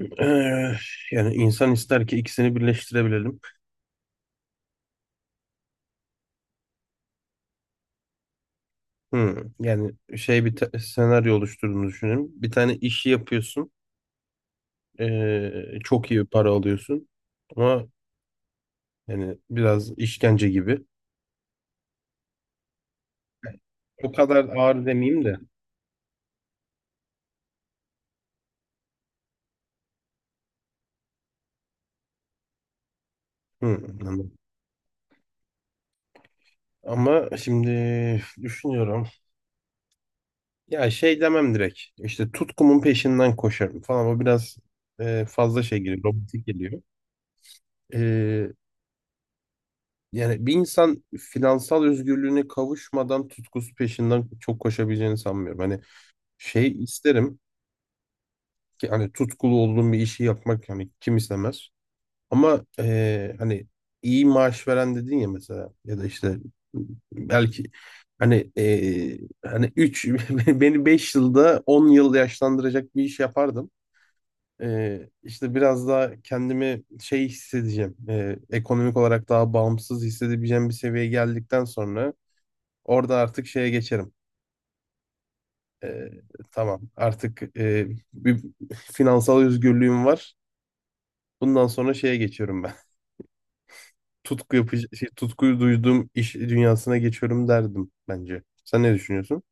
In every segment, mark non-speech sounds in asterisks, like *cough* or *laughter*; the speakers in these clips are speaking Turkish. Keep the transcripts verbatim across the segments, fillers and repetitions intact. Eee, Yani insan ister ki ikisini birleştirebilelim. Hmm, yani şey bir te- senaryo oluşturduğunu düşünelim. Bir tane işi yapıyorsun. Eee, çok iyi para alıyorsun. Ama yani biraz işkence gibi. O kadar ağır demeyeyim de. Hmm, anladım. Ama şimdi düşünüyorum. Ya şey demem direkt. İşte tutkumun peşinden koşarım falan. O biraz eee, fazla şey geliyor. Robotik geliyor. Ee, Yani bir insan finansal özgürlüğüne kavuşmadan tutkusu peşinden çok koşabileceğini sanmıyorum. Hani şey isterim ki hani tutkulu olduğum bir işi yapmak hani kim istemez. Ama eee, hani iyi maaş veren dedin ya mesela ya da işte belki hani eee, hani üç *laughs* beni beş yılda on yıl yaşlandıracak bir iş yapardım. Eee işte biraz daha kendimi şey hissedeceğim. Eee, ekonomik olarak daha bağımsız hissedebileceğim bir seviyeye geldikten sonra orada artık şeye geçerim. Ee, tamam, artık e, bir finansal özgürlüğüm var. Bundan sonra şeye geçiyorum ben. *laughs* Tutku yapıcı, şey, tutkuyu duyduğum iş dünyasına geçiyorum derdim bence. Sen ne düşünüyorsun?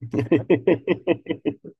*laughs*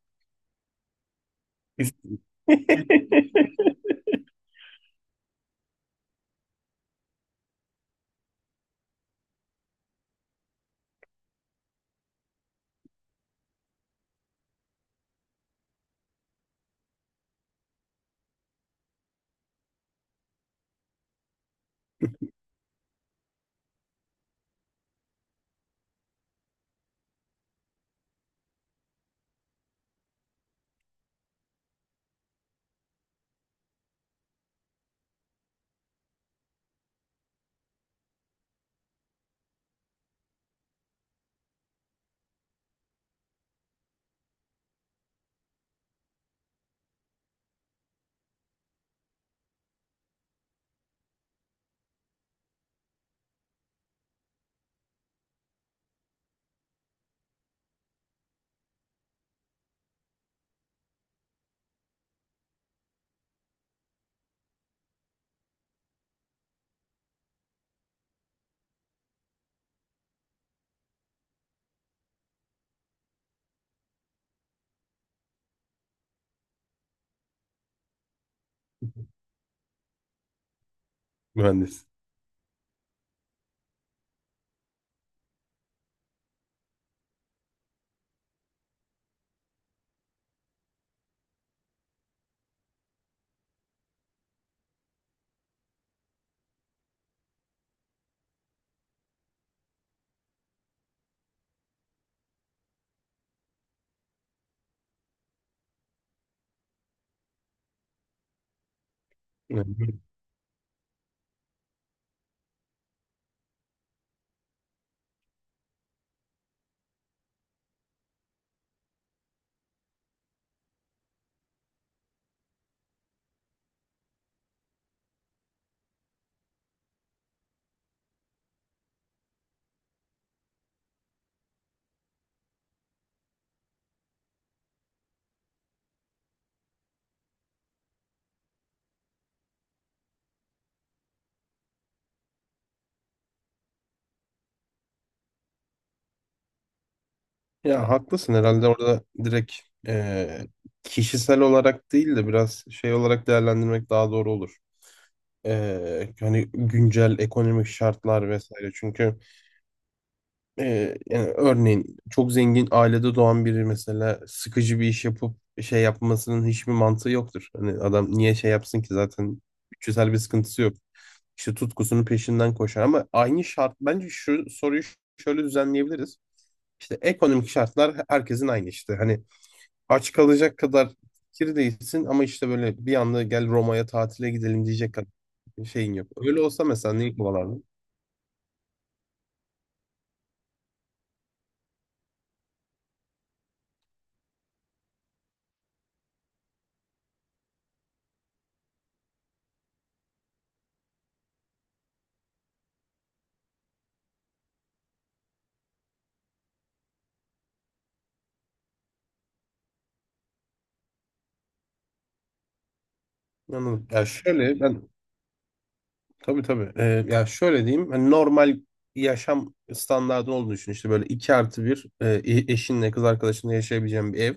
Mühendis. Ya haklısın, herhalde orada direkt e, kişisel olarak değil de biraz şey olarak değerlendirmek daha doğru olur. E, hani güncel ekonomik şartlar vesaire. Çünkü Ee, yani örneğin çok zengin ailede doğan biri mesela sıkıcı bir iş yapıp şey yapmasının hiçbir mantığı yoktur. Hani adam niye şey yapsın ki zaten bütçesel bir sıkıntısı yok. İşte tutkusunun peşinden koşar ama aynı şart bence şu soruyu ş- şöyle düzenleyebiliriz. İşte ekonomik şartlar herkesin aynı işte. Hani aç kalacak kadar fakir değilsin ama işte böyle bir anda gel Roma'ya tatile gidelim diyecek kadar şeyin yok. Öyle olsa mesela neyi kovalardın? Anladım. Ya şöyle ben tabii tabii. Ee, ya şöyle diyeyim. Hani normal yaşam standardı olduğunu düşün. İşte böyle iki artı bir e, e, eşinle kız arkadaşınla yaşayabileceğin bir ev.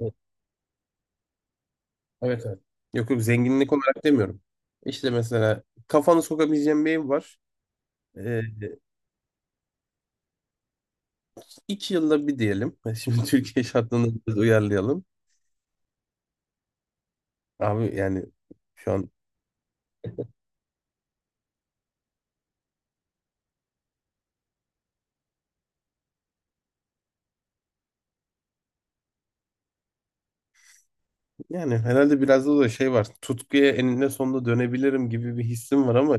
Evet, evet. Evet. Yok yok, zenginlik olarak demiyorum. İşte mesela kafanı sokabileceğin bir ev var. Ee, iki yılda bir diyelim. *laughs* Şimdi Türkiye şartlarını biraz uyarlayalım. Abi yani şu an yani herhalde biraz da, da şey var. Tutkuya eninde sonunda dönebilirim gibi bir hissim var ama.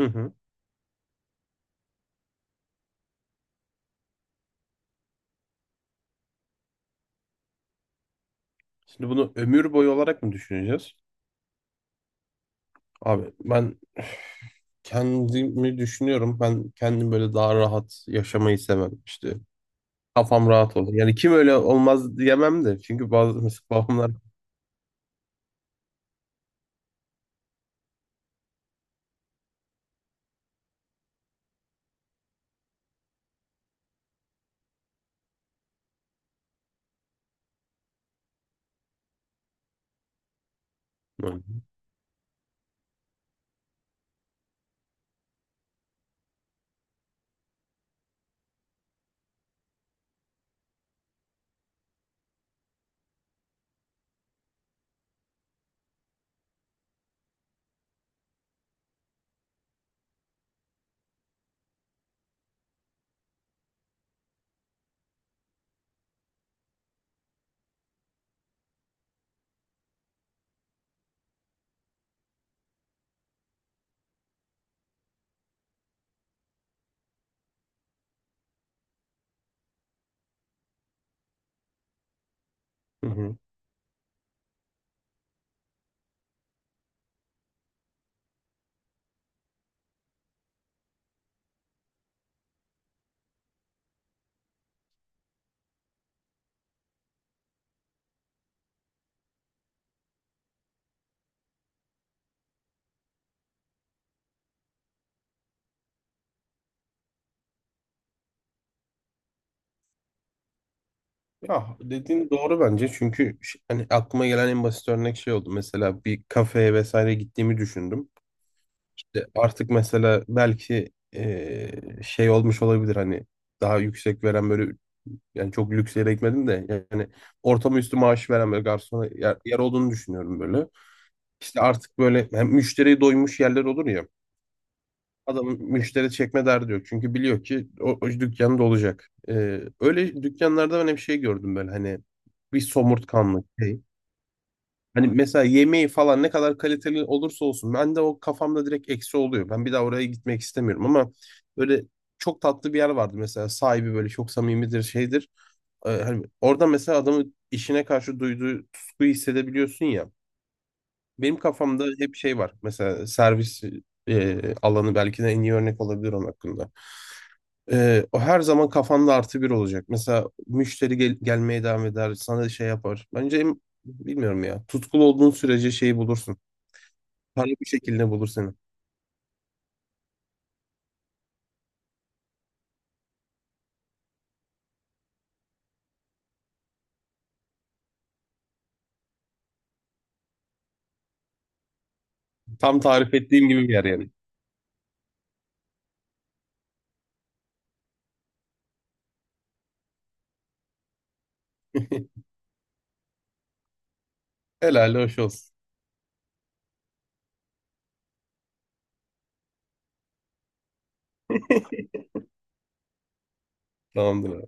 Hı hı. Şimdi bunu ömür boyu olarak mı düşüneceğiz? Abi ben *sighs* kendimi düşünüyorum. Ben kendim böyle daha rahat yaşamayı sevmem. İşte kafam rahat olur. Yani kim öyle olmaz diyemem de. Çünkü bazı mesela babamlar... Hı hı. Hı. Ya dediğin doğru bence. Çünkü ş- hani aklıma gelen en basit örnek şey oldu. Mesela bir kafeye vesaire gittiğimi düşündüm. İşte artık mesela belki eee, şey olmuş olabilir hani daha yüksek veren böyle, yani çok lüks yere gitmedim de yani ortamı üstü maaş veren böyle garsona yer, yer olduğunu düşünüyorum böyle. İşte artık böyle hem müşteriyi doymuş yerler olur ya. Adamın müşteri çekme derdi yok. Çünkü biliyor ki o, o dükkan dolacak. Ee, öyle dükkanlarda ben hep şey gördüm, böyle hani bir somurtkanlık şey. Hani mesela yemeği falan ne kadar kaliteli olursa olsun ben de o kafamda direkt eksi oluyor. Ben bir daha oraya gitmek istemiyorum ama böyle çok tatlı bir yer vardı mesela, sahibi böyle çok samimidir, şeydir. Ee, hani orada mesela adamın işine karşı duyduğu tutkuyu hissedebiliyorsun ya. Benim kafamda hep şey var. Mesela servis e, alanı belki de en iyi örnek olabilir onun hakkında. E, o her zaman kafanda artı bir olacak. Mesela müşteri gel- gelmeye devam eder, sana şey yapar. Bence em- bilmiyorum ya. Tutkulu olduğun sürece şeyi bulursun. Para bir şekilde bulur seni. Tam tarif ettiğim gibi bir yer yani. *laughs* Helal hoş olsun. *laughs* Tamamdır.